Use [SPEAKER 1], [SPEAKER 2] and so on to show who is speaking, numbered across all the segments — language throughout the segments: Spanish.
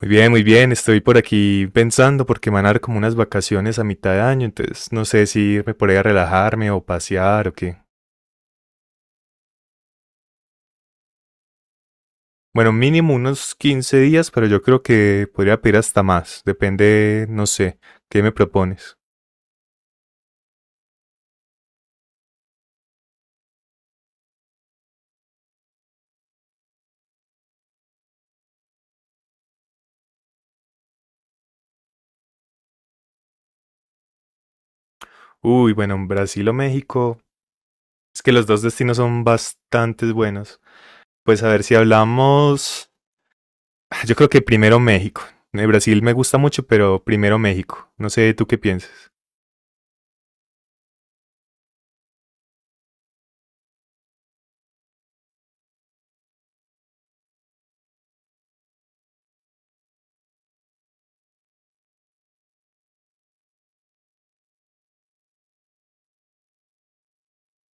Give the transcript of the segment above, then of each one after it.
[SPEAKER 1] Muy bien, muy bien. Estoy por aquí pensando porque me van a dar como unas vacaciones a mitad de año, entonces no sé si irme por ahí a relajarme o pasear o qué. Bueno, mínimo unos 15 días, pero yo creo que podría pedir hasta más. Depende, no sé, ¿qué me propones? Uy, bueno, en Brasil o México. Es que los dos destinos son bastante buenos. Pues a ver si hablamos. Ah, yo creo que primero México. Brasil me gusta mucho, pero primero México. No sé, ¿tú qué piensas?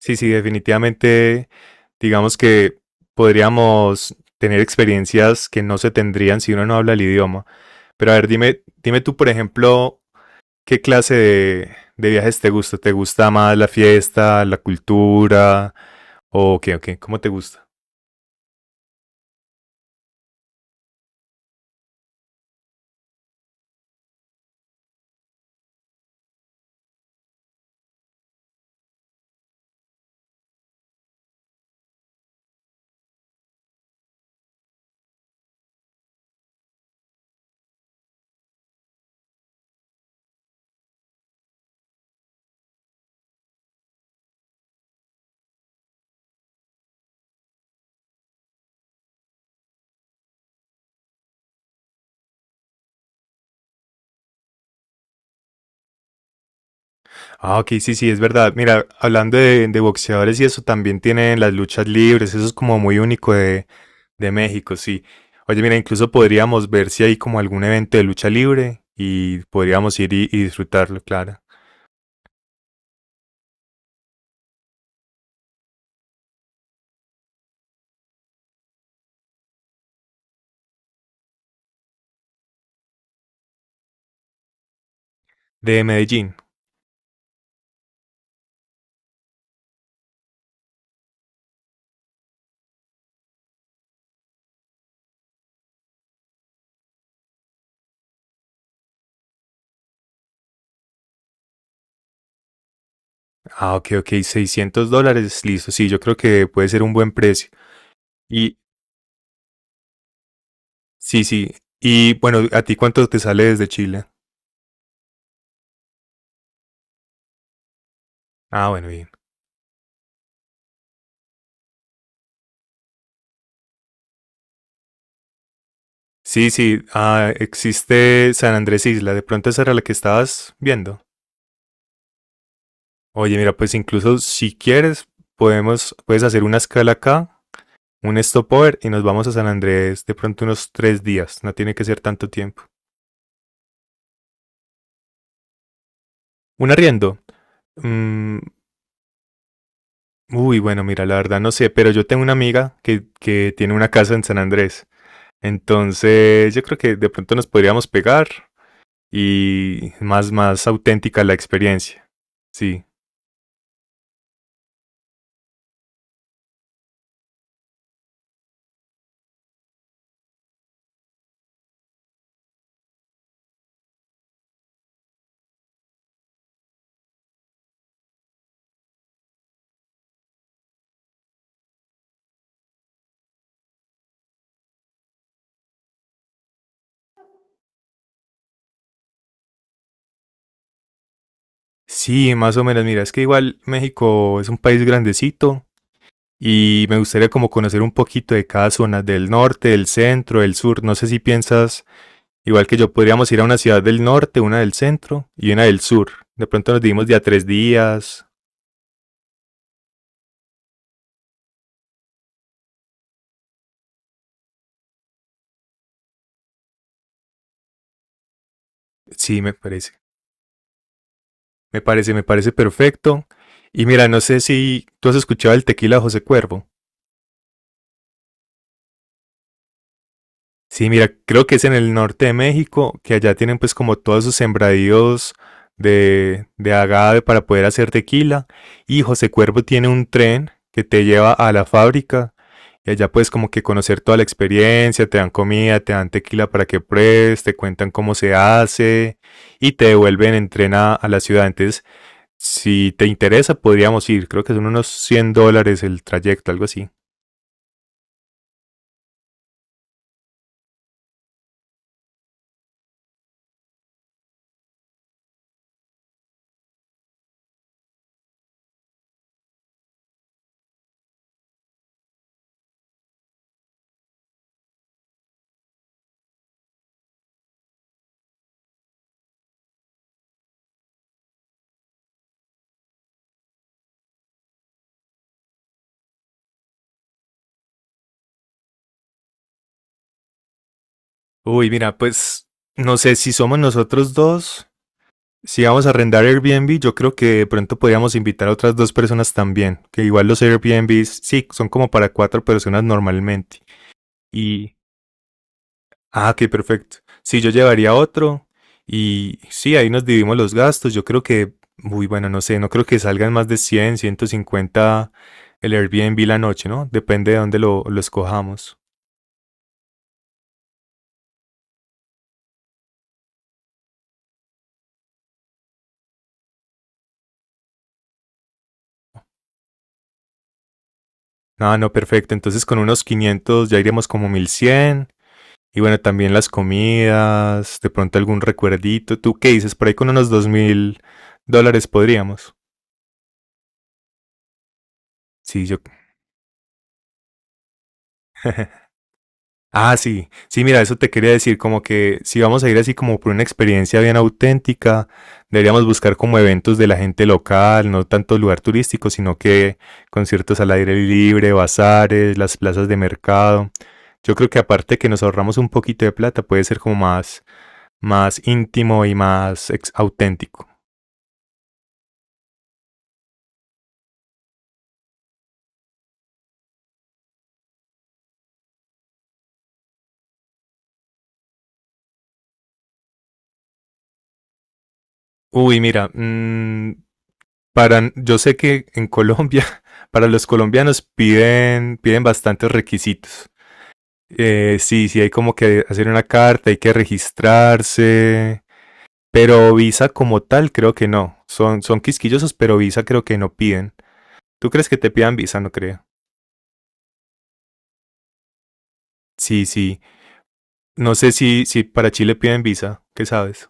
[SPEAKER 1] Sí, sí, definitivamente, digamos que podríamos tener experiencias que no se tendrían si uno no habla el idioma. Pero a ver, dime, dime tú, por ejemplo, ¿qué clase de viajes te gusta? ¿Te gusta más la fiesta, la cultura? ¿O qué, o qué? ¿Cómo te gusta? Ah, ok, sí, sí, es verdad. Mira, hablando de boxeadores y eso, también tienen las luchas libres, eso es como muy único de México, sí. Oye, mira, incluso podríamos ver si hay como algún evento de lucha libre y podríamos ir y disfrutarlo, claro. De Medellín. Ah, ok, ok, 600 dólares, listo. Sí, yo creo que puede ser un buen precio. Y sí, sí. Y bueno, ¿a ti cuánto te sale desde Chile? Ah, bueno, bien. Sí, sí, ah, existe San Andrés Isla. De pronto esa era la que estabas viendo. Oye, mira, pues incluso si quieres, podemos, puedes hacer una escala acá un stopover y nos vamos a San Andrés de pronto unos 3 días, no tiene que ser tanto tiempo. Un arriendo. mm, Uy, bueno, mira, la verdad no sé, pero yo tengo una amiga que tiene una casa en San Andrés. Entonces, yo creo que de pronto nos podríamos pegar y más auténtica la experiencia. Sí. Sí, más o menos. Mira, es que igual México es un país grandecito y me gustaría como conocer un poquito de cada zona del norte, del centro, del sur. No sé si piensas igual que yo, podríamos ir a una ciudad del norte, una del centro y una del sur. De pronto nos dimos de a 3 días. Sí, me parece. Me parece, me parece perfecto. Y mira, no sé si tú has escuchado el tequila de José Cuervo. Sí, mira, creo que es en el norte de México, que allá tienen pues como todos sus sembradíos de agave para poder hacer tequila. Y José Cuervo tiene un tren que te lleva a la fábrica y allá puedes como que conocer toda la experiencia, te dan comida, te dan tequila para que pruebes, te cuentan cómo se hace y te devuelven en tren a la ciudad. Entonces, si te interesa, podríamos ir. Creo que son unos 100 dólares el trayecto, algo así. Uy, mira, pues no sé si somos nosotros dos. Si vamos a arrendar Airbnb, yo creo que de pronto podríamos invitar a otras dos personas también, que igual los Airbnbs, sí, son como para cuatro personas normalmente. Y, ah, qué perfecto. Sí, yo llevaría otro y sí, ahí nos dividimos los gastos. Yo creo que, muy bueno, no sé, no creo que salgan más de 100, 150 el Airbnb la noche, ¿no? Depende de dónde lo escojamos. Ah, no, perfecto. Entonces con unos 500 ya iremos como 1100. Y bueno, también las comidas, de pronto algún recuerdito. ¿Tú qué dices? Por ahí con unos 2000 dólares podríamos. Sí, yo. Ah, sí. Sí, mira, eso te quería decir, como que si vamos a ir así como por una experiencia bien auténtica, deberíamos buscar como eventos de la gente local, no tanto lugar turístico, sino que conciertos al aire libre, bazares, las plazas de mercado. Yo creo que aparte que nos ahorramos un poquito de plata, puede ser como más, íntimo y más auténtico. Uy, mira, yo sé que en Colombia, para los colombianos piden bastantes requisitos. Sí, sí, hay como que hacer una carta, hay que registrarse, pero visa como tal creo que no. Son quisquillosos, pero visa creo que no piden. ¿Tú crees que te pidan visa? No creo. Sí, sí. No sé si para Chile piden visa, ¿qué sabes?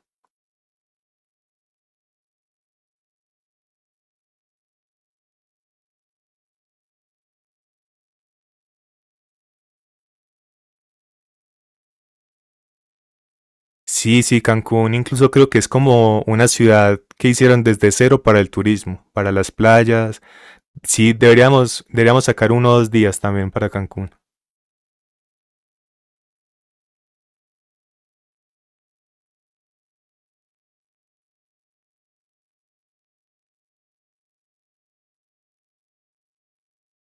[SPEAKER 1] Sí, sí, Cancún incluso creo que es como una ciudad que hicieron desde cero para el turismo, para las playas. Sí, deberíamos, deberíamos sacar 1 o 2 días también para Cancún.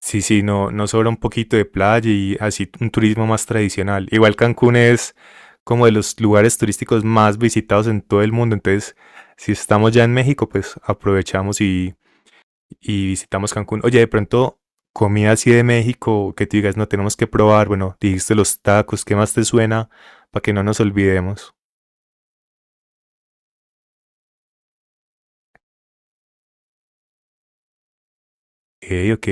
[SPEAKER 1] Sí, sí, no, no sobra un poquito de playa y así un turismo más tradicional. Igual Cancún es como de los lugares turísticos más visitados en todo el mundo. Entonces, si estamos ya en México, pues aprovechamos y visitamos Cancún. Oye, de pronto, comida así de México que tú digas, no tenemos que probar. Bueno, dijiste los tacos, ¿qué más te suena? Para que no nos olvidemos. Ok, ok.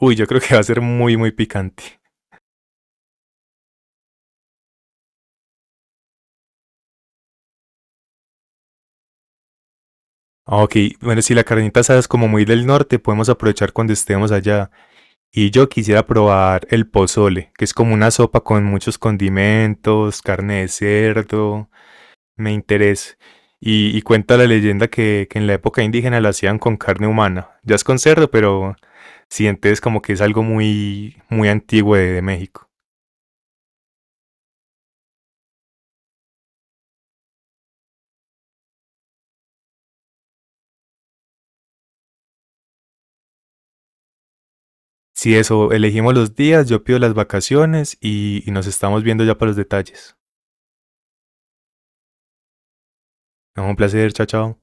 [SPEAKER 1] Uy, yo creo que va a ser muy, muy picante. Ah, ok, bueno, si la carnita asada es como muy del norte, podemos aprovechar cuando estemos allá. Y yo quisiera probar el pozole, que es como una sopa con muchos condimentos, carne de cerdo, me interesa. Y cuenta la leyenda que en la época indígena la hacían con carne humana. Ya es con cerdo, pero sientes como que es algo muy, muy antiguo de México. Si eso, elegimos los días, yo pido las vacaciones y nos estamos viendo ya para los detalles. No, un placer, chao, chao.